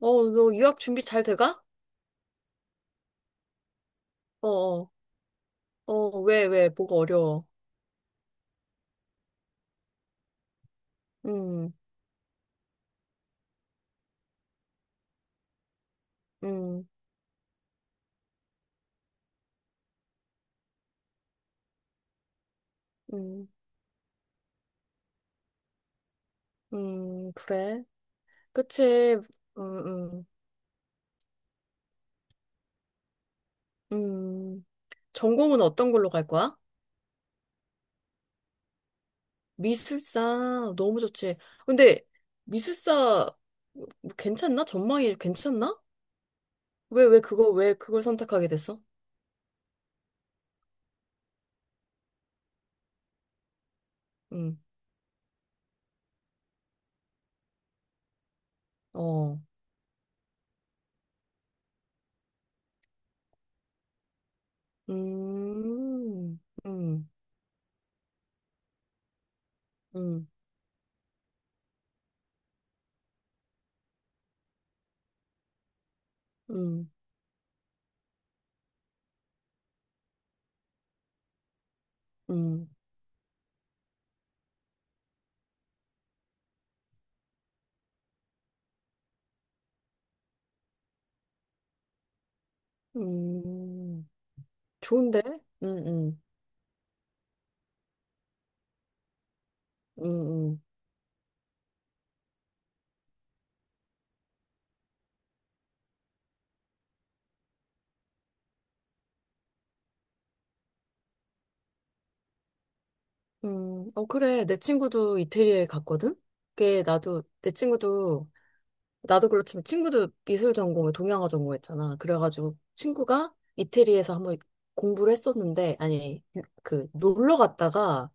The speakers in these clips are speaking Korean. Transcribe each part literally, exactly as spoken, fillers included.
어, 너 유학 준비 잘 돼가? 어, 어, 어, 왜, 왜, 뭐가 어려워. 음, 음, 음, 음, 그래. 그치, 음, 음, 음. 전공은 어떤 걸로 갈 거야? 미술사, 너무 좋지. 근데, 미술사, 뭐 괜찮나? 전망이 괜찮나? 왜, 왜 그거, 왜 그걸 선택하게 됐어? 음, 어, 음, 음, 음, 음, 음, 음. 좋은데? 응, 음 음, 음, 음. 어, 그래. 내 친구도 이태리에 갔거든? 그게 나도, 내 친구도, 나도 그렇지만 친구도 미술 전공을 동양화 전공했잖아. 그래가지고 친구가 이태리에서 한번 공부를 했었는데, 아니, 그, 놀러 갔다가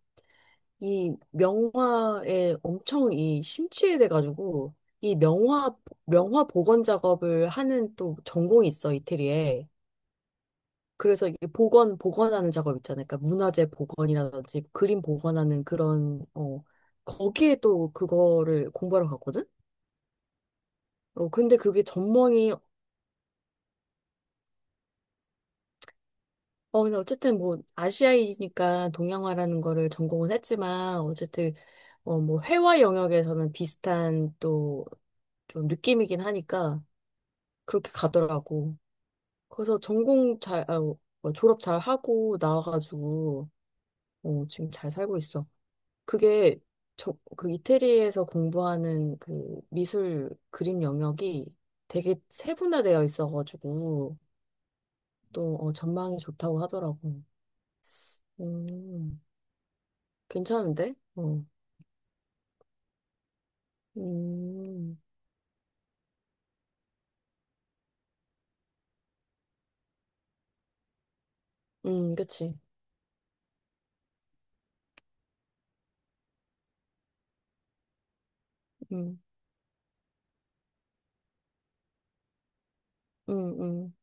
이 명화에 엄청 이 심취해 돼가지고, 이 명화, 명화 복원 작업을 하는 또 전공이 있어, 이태리에. 그래서 이게 복원, 복원하는 작업 있잖아요. 그러니까 문화재 복원이라든지 그림 복원하는 그런, 어, 거기에 또 그거를 공부하러 갔거든? 어, 근데 그게 전공이, 어, 근데 어쨌든 뭐, 아시아이니까 동양화라는 거를 전공은 했지만, 어쨌든, 어, 뭐, 회화 영역에서는 비슷한 또 좀 느낌이긴 하니까, 그렇게 가더라고. 그래서 전공 잘, 아, 뭐 졸업 잘 하고 나와가지고, 어, 지금 잘 살고 있어. 그게 저, 그 이태리에서 공부하는 그 미술 그림 영역이 되게 세분화되어 있어가지고 또 어, 전망이 좋다고 하더라고. 음, 괜찮은데? 어. 음, 음, 그치. 음, 음, 음,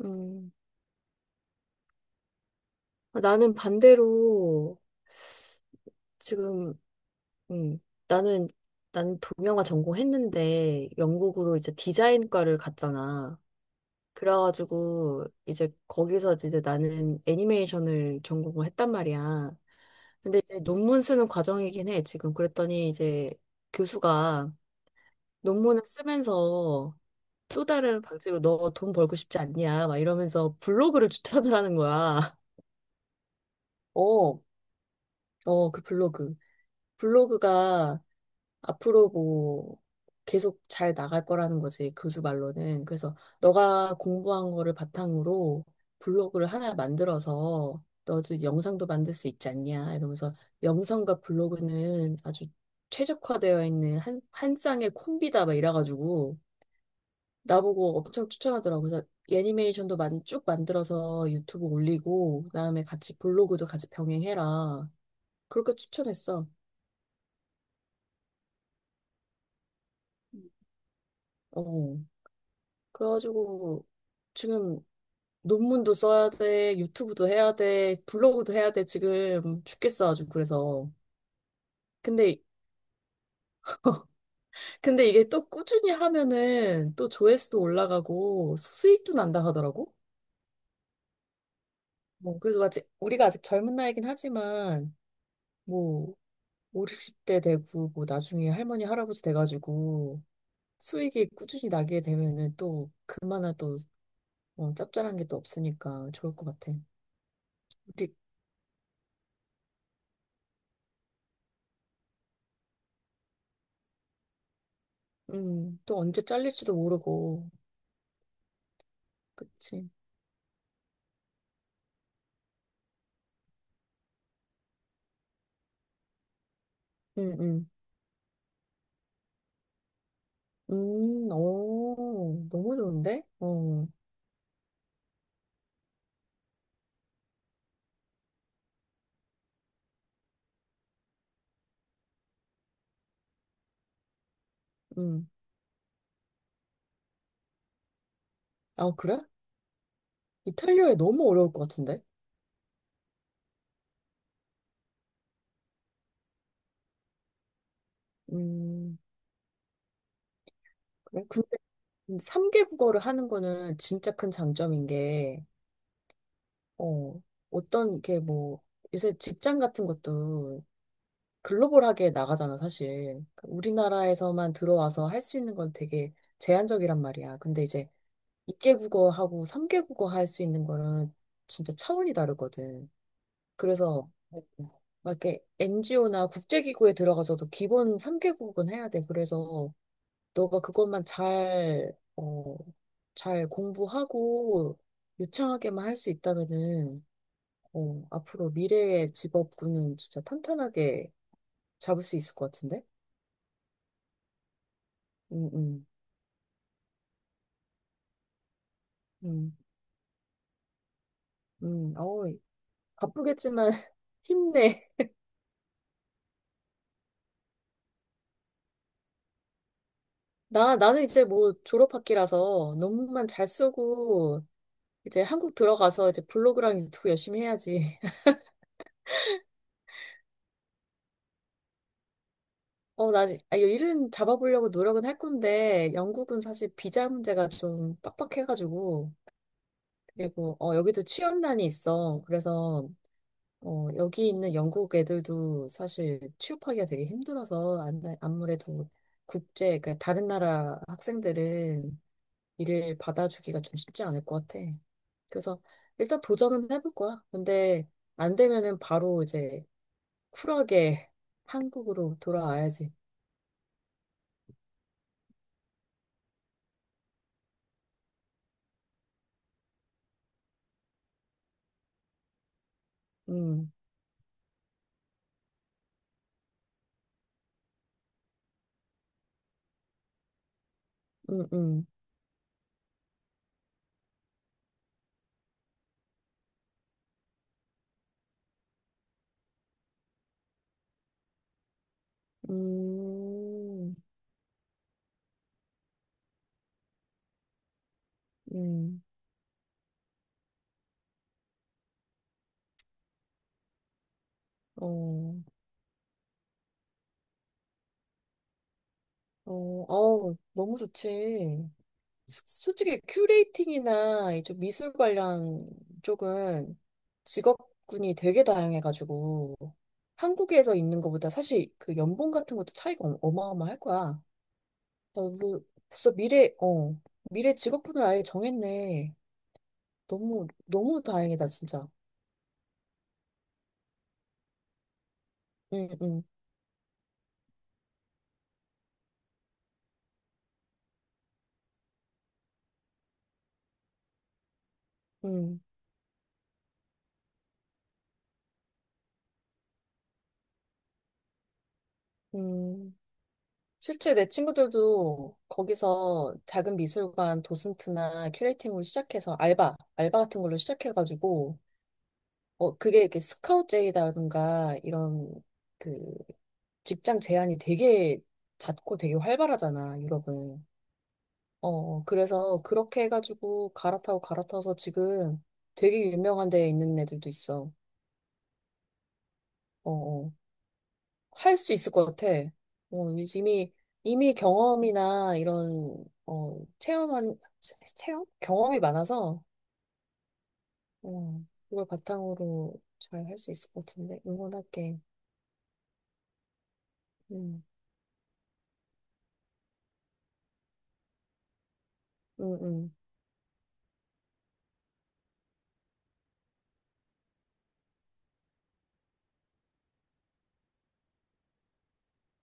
음. 아, 나는 반대로 지금, 음, 나는, 나는 동영화 전공했는데 영국으로 이제 디자인과를 갔잖아. 그래가지고 이제 거기서 이제 나는 애니메이션을 전공을 했단 말이야. 근데 이제 논문 쓰는 과정이긴 해, 지금. 그랬더니 이제 교수가 논문을 쓰면서 또 다른 방식으로 너 돈 벌고 싶지 않냐, 막 이러면서 블로그를 추천을 하는 거야. 어, 어, 그 블로그. 블로그가 앞으로 뭐 계속 잘 나갈 거라는 거지, 교수 말로는. 그래서 너가 공부한 거를 바탕으로 블로그를 하나 만들어서 너도 영상도 만들 수 있지 않냐 이러면서 영상과 블로그는 아주 최적화되어 있는 한, 한 쌍의 콤비다 막 이래가지고 나보고 엄청 추천하더라고. 그래서 애니메이션도 만, 쭉 만들어서 유튜브 올리고 그다음에 같이 블로그도 같이 병행해라. 그렇게 추천했어. 어. 그래가지고 지금 논문도 써야 돼, 유튜브도 해야 돼, 블로그도 해야 돼. 지금 죽겠어 아주 그래서. 근데 근데 이게 또 꾸준히 하면은 또 조회수도 올라가고 수익도 난다 하더라고. 뭐 그래서 아직 우리가 아직 젊은 나이긴 하지만 뭐 오십, 육십 대 되고 뭐 나중에 할머니 할아버지 돼가지고 수익이 꾸준히 나게 되면은 또 그만한 또 어, 짭짤한 게 또 없으니까 좋을 것 같아. 우리 음, 또 언제 잘릴지도 모르고. 그치. 응, 응. 음, 오, 너무 좋은데? 어, 음. 아, 그래? 이탈리아에 너무 어려울 것 같은데? 음, 그래? 근데 세 개 국어를 하는 거는 진짜 큰 장점인 게, 어, 어떤 게 뭐, 요새 직장 같은 것도 글로벌하게 나가잖아, 사실. 우리나라에서만 들어와서 할 수 있는 건 되게 제한적이란 말이야. 근데 이제 두 개 국어하고 세 개 국어 할 수 있는 거는 진짜 차원이 다르거든. 그래서 막 이렇게 엔지오나 국제기구에 들어가서도 기본 삼 개국은 해야 돼. 그래서 너가 그것만 잘, 어, 잘 공부하고 유창하게만 할 수 있다면은, 어, 앞으로 미래의 직업군은 진짜 탄탄하게 잡을 수 있을 것 같은데? 음, 음, 음, 음, 어, 바쁘겠지만 힘내. 나, 나는 이제 뭐 졸업학기라서 논문만 잘 쓰고 이제 한국 들어가서 이제 블로그랑 유튜브 열심히 해야지. 어, 난, 아, 이거 일은 잡아보려고 노력은 할 건데, 영국은 사실 비자 문제가 좀 빡빡해가지고, 그리고, 어, 여기도 취업난이 있어. 그래서, 어, 여기 있는 영국 애들도 사실 취업하기가 되게 힘들어서, 안, 아무래도 국제, 그러니까 다른 나라 학생들은 일을 받아주기가 좀 쉽지 않을 것 같아. 그래서, 일단 도전은 해볼 거야. 근데, 안 되면은 바로 이제, 쿨하게 한국으로 돌아와야지. 음, 음, 음. 음, 음, 어, 어, 어, 너무 좋지. 소- 솔직히 큐레이팅이나 이좀 미술 관련 쪽은 직업군이 되게 다양해가지고 한국에서 있는 것보다 사실 그 연봉 같은 것도 차이가 어- 어마어마할 거야. 어, 뭐, 벌써 미래, 어, 미래 직업군을 아예 정했네. 너무, 너무 다행이다, 진짜. 응, 응, 응, 응. 실제 내 친구들도 거기서 작은 미술관 도슨트나 큐레이팅으로 시작해서 알바, 알바 같은 걸로 시작해가지고, 어, 그게 이렇게 스카우트제이라든가 이런 그 직장 제한이 되게 잦고 되게 활발하잖아, 유럽은. 어, 어, 그래서 그렇게 해가지고 갈아타고 갈아타서 지금 되게 유명한 데에 있는 애들도 있어. 어, 어. 할 수 있을 것 같아. 어, 이미, 이미 경험이나 이런, 어, 체험한, 체- 체험? 경험이 많아서, 어, 그걸 바탕으로 잘 할 수 있을 것 같은데, 응원할게. 음, 음, 음,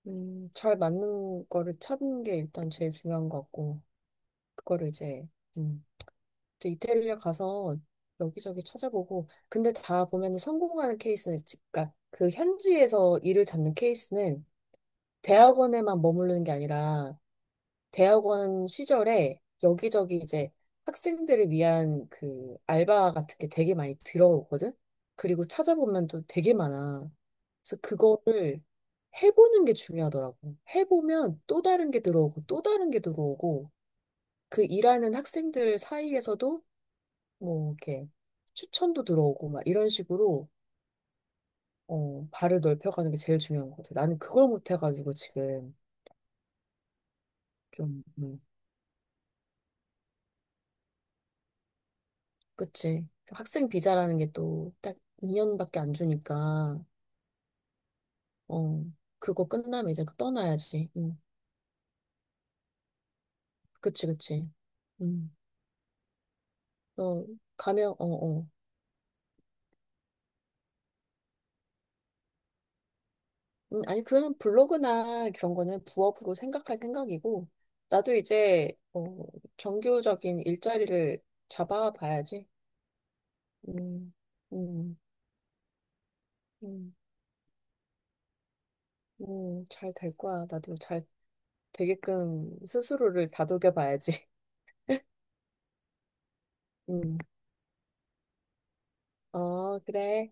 음, 잘 맞는 거를 찾는 게 일단 제일 중요한 것 같고, 그거를 이제, 음, 또 이태리에 가서 여기저기 찾아보고, 근데 다 보면 성공하는 케이스는, 그니까 그 현지에서 일을 잡는 케이스는 대학원에만 머무르는 게 아니라, 대학원 시절에 여기저기 이제 학생들을 위한 그 알바 같은 게 되게 많이 들어오거든? 그리고 찾아보면 또 되게 많아. 그래서 그거를 해보는 게 중요하더라고. 해보면 또 다른 게 들어오고 또 다른 게 들어오고 그 일하는 학생들 사이에서도 뭐 이렇게 추천도 들어오고 막 이런 식으로 어, 발을 넓혀가는 게 제일 중요한 것 같아. 나는 그걸 못해가지고 지금 좀, 음, 그치. 학생 비자라는 게 또 딱 이 년밖에 안 주니까, 어, 그거 끝나면 이제 그 떠나야지. 응. 그치, 그치. 응. 너 가면, 어, 어. 음, 아니, 그거는 블로그나 그런 거는 부업으로 생각할 생각이고, 나도 이제, 어, 정규적인 일자리를 잡아봐야지. 음, 음, 음, 음, 잘 될 거야. 나도 잘 되게끔 스스로를 다독여봐야지. 음, 어, 그래.